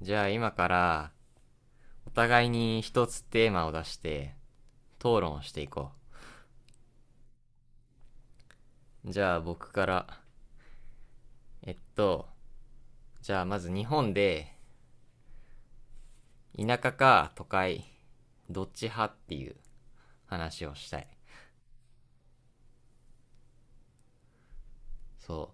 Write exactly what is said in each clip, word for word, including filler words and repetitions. じゃあ今からお互いに一つテーマを出して討論していこう。じゃあ僕から。えっと、じゃあまず日本で田舎か都会どっち派っていう話をしたい。そう。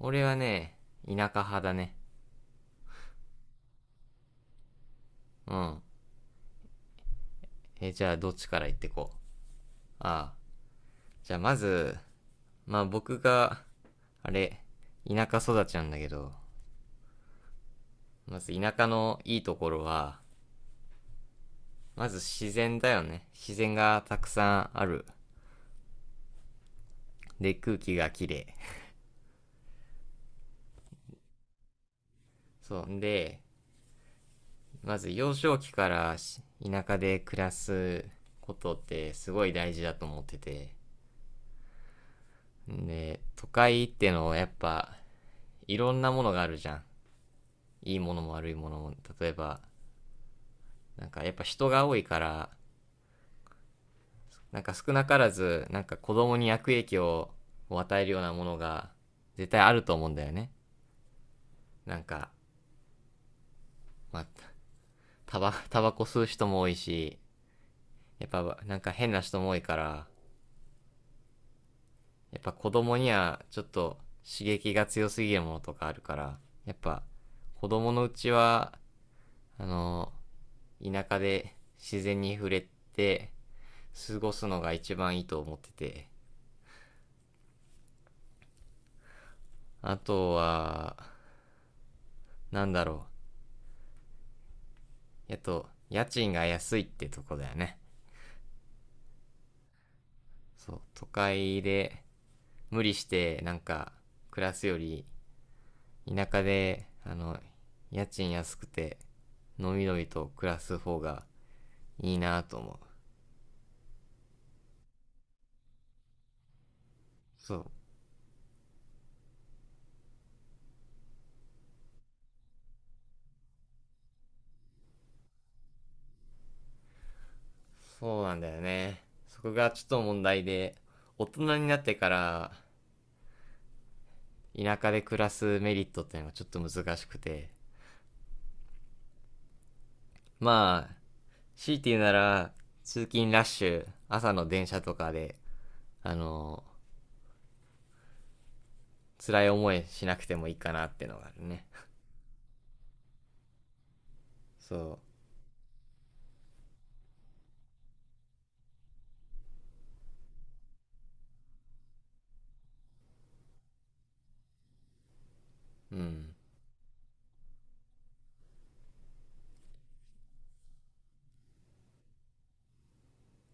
俺はね、田舎派だね。うん。え、じゃあどっちから言ってこう。ああ。じゃあまず、まあ僕が、あれ、田舎育ちなんだけど、まず田舎のいいところは、まず自然だよね。自然がたくさんある。で、空気がきれい。そう。んで、まず幼少期からし田舎で暮らすことってすごい大事だと思ってて。で、都会ってのはやっぱいろんなものがあるじゃん。いいものも悪いものも。例えば、なんかやっぱ人が多いから、なんか少なからず、なんか子供に悪影響を与えるようなものが絶対あると思うんだよね。なんか、まあ、タバ、タバコ吸う人も多いし、やっぱなんか変な人も多いから、やっぱ子供にはちょっと刺激が強すぎるものとかあるから、やっぱ子供のうちは、あの、田舎で自然に触れて過ごすのが一番いいと思ってて、あとは、なんだろう。やっと、家賃が安いってとこだよね。そう、都会で無理してなんか暮らすより、田舎で、あの、家賃安くて、のびのびと暮らす方がいいなぁと思う。そう。そうなんだよね。そこがちょっと問題で、大人になってから、田舎で暮らすメリットっていうのがちょっと難しくて。まあ、強いて言うなら、通勤ラッシュ、朝の電車とかで、あの、辛い思いしなくてもいいかなってのがあるね。そう。うん。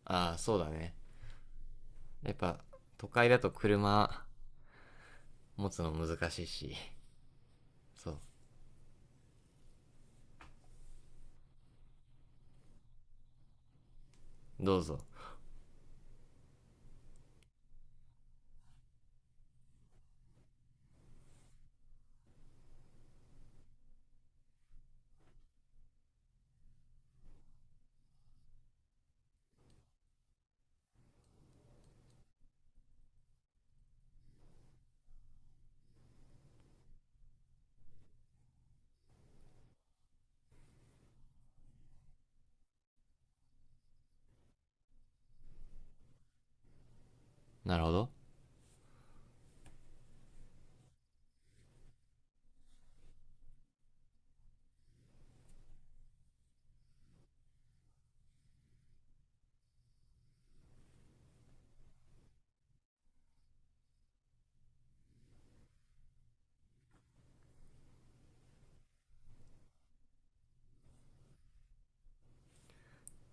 ああ、そうだね。やっぱ、都会だと車持つの難しいし。そう。どうぞ。なるほど。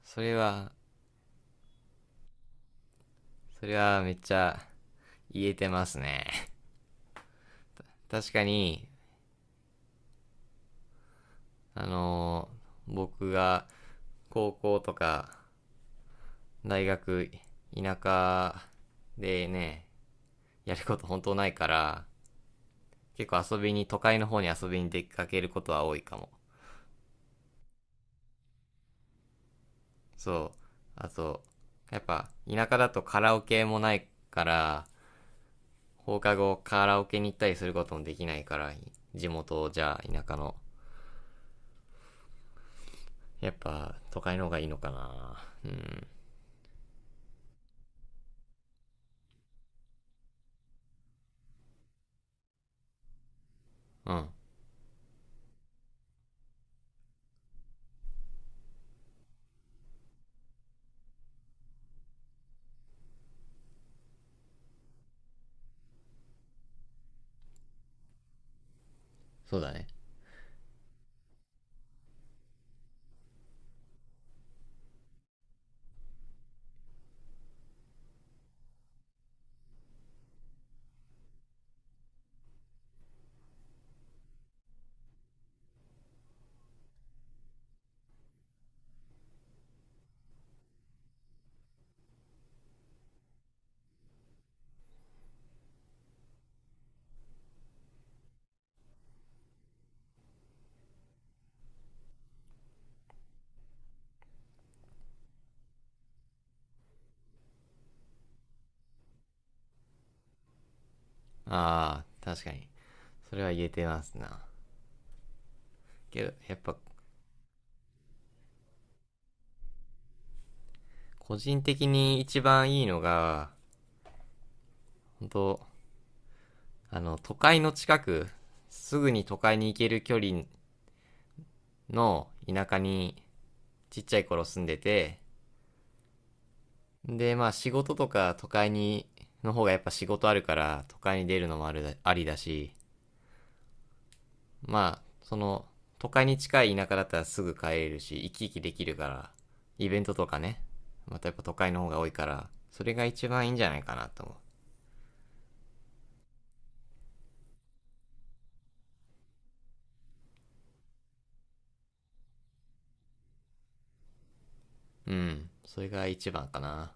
それはそれはめっちゃ言えてますね。確かに。あのー僕が高校とか大学、田舎でね、やること本当ないから、結構遊びに都会の方に遊びに出かけることは多いかも。そう。あと、やっぱ田舎だとカラオケもないから、放課後カラオケに行ったりすることもできないから、地元じゃあ田舎の。やっぱ都会の方がいいのかな。うん。うん。そうだね。ああ、確かに。それは言えてますな。けど、やっぱ個人的に一番いいのが、本当、あの、都会の近く、すぐに都会に行ける距離の田舎にちっちゃい頃住んでて、で、まあ仕事とか都会に、の方がやっぱ仕事あるから、都会に出るのもあるだありだし、まあ、その、都会に近い田舎だったらすぐ帰れるし、生き生きできるから、イベントとかね、またやっぱ都会の方が多いから、それが一番いいんじゃないかなと思う。うん、それが一番かな。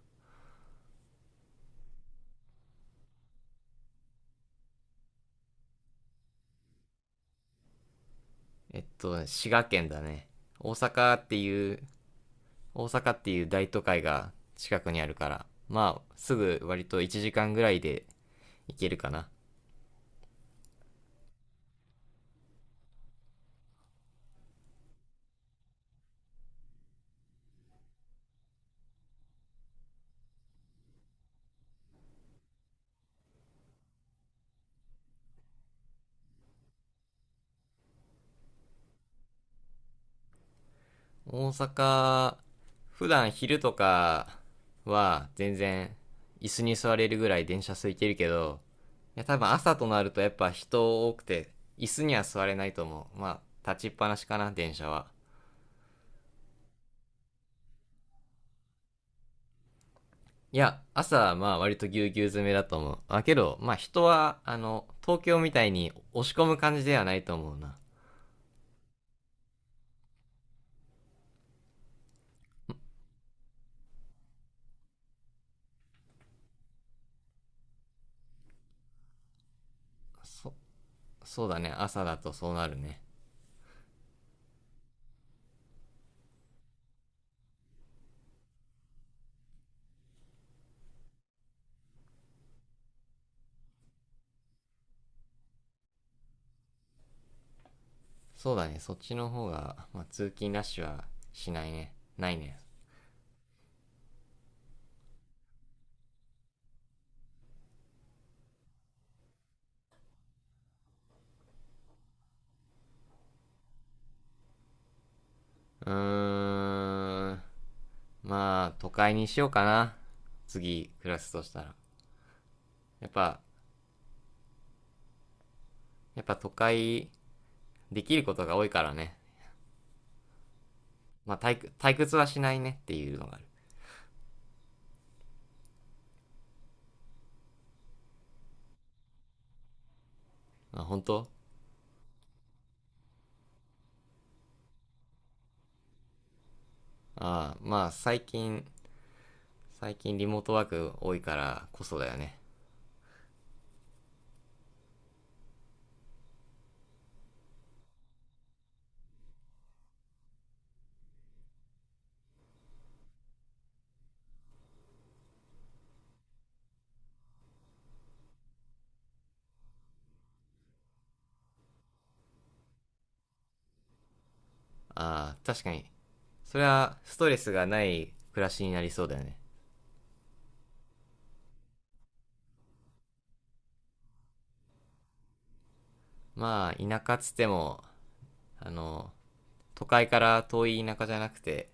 えっと、滋賀県だね。大阪っていう、大阪っていう大都会が近くにあるから、まあ、すぐ割といちじかんぐらいで行けるかな。大阪、普段昼とかは全然椅子に座れるぐらい電車空いてるけど、いや多分朝となるとやっぱ人多くて、椅子には座れないと思う。まあ、立ちっぱなしかな、電車は。いや、朝はまあ割とぎゅうぎゅう詰めだと思う。あ、けど、まあ人は、あの、東京みたいに押し込む感じではないと思うな。そ、そうだね、朝だとそうなるね。そうだね、そっちの方が、まあ通勤ラッシュはしないね。ないね。うーん。まあ、都会にしようかな。次、暮らすとしたら。やっぱ、やっぱ都会、できることが多いからね。まあ、退屈退屈はしないねっていうのがある。あ、本当。ああ、まあ、最近、最近リモートワーク多いからこそだよね。ああ、確かに。それはストレスがない暮らしになりそうだよね。まあ、田舎っつっても、あの、都会から遠い田舎じゃなくて、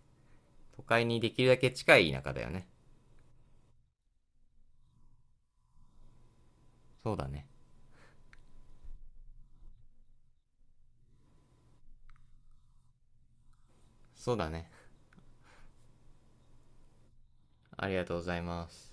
都会にできるだけ近い田舎だよね。そうだね。そうだね。ありがとうございます。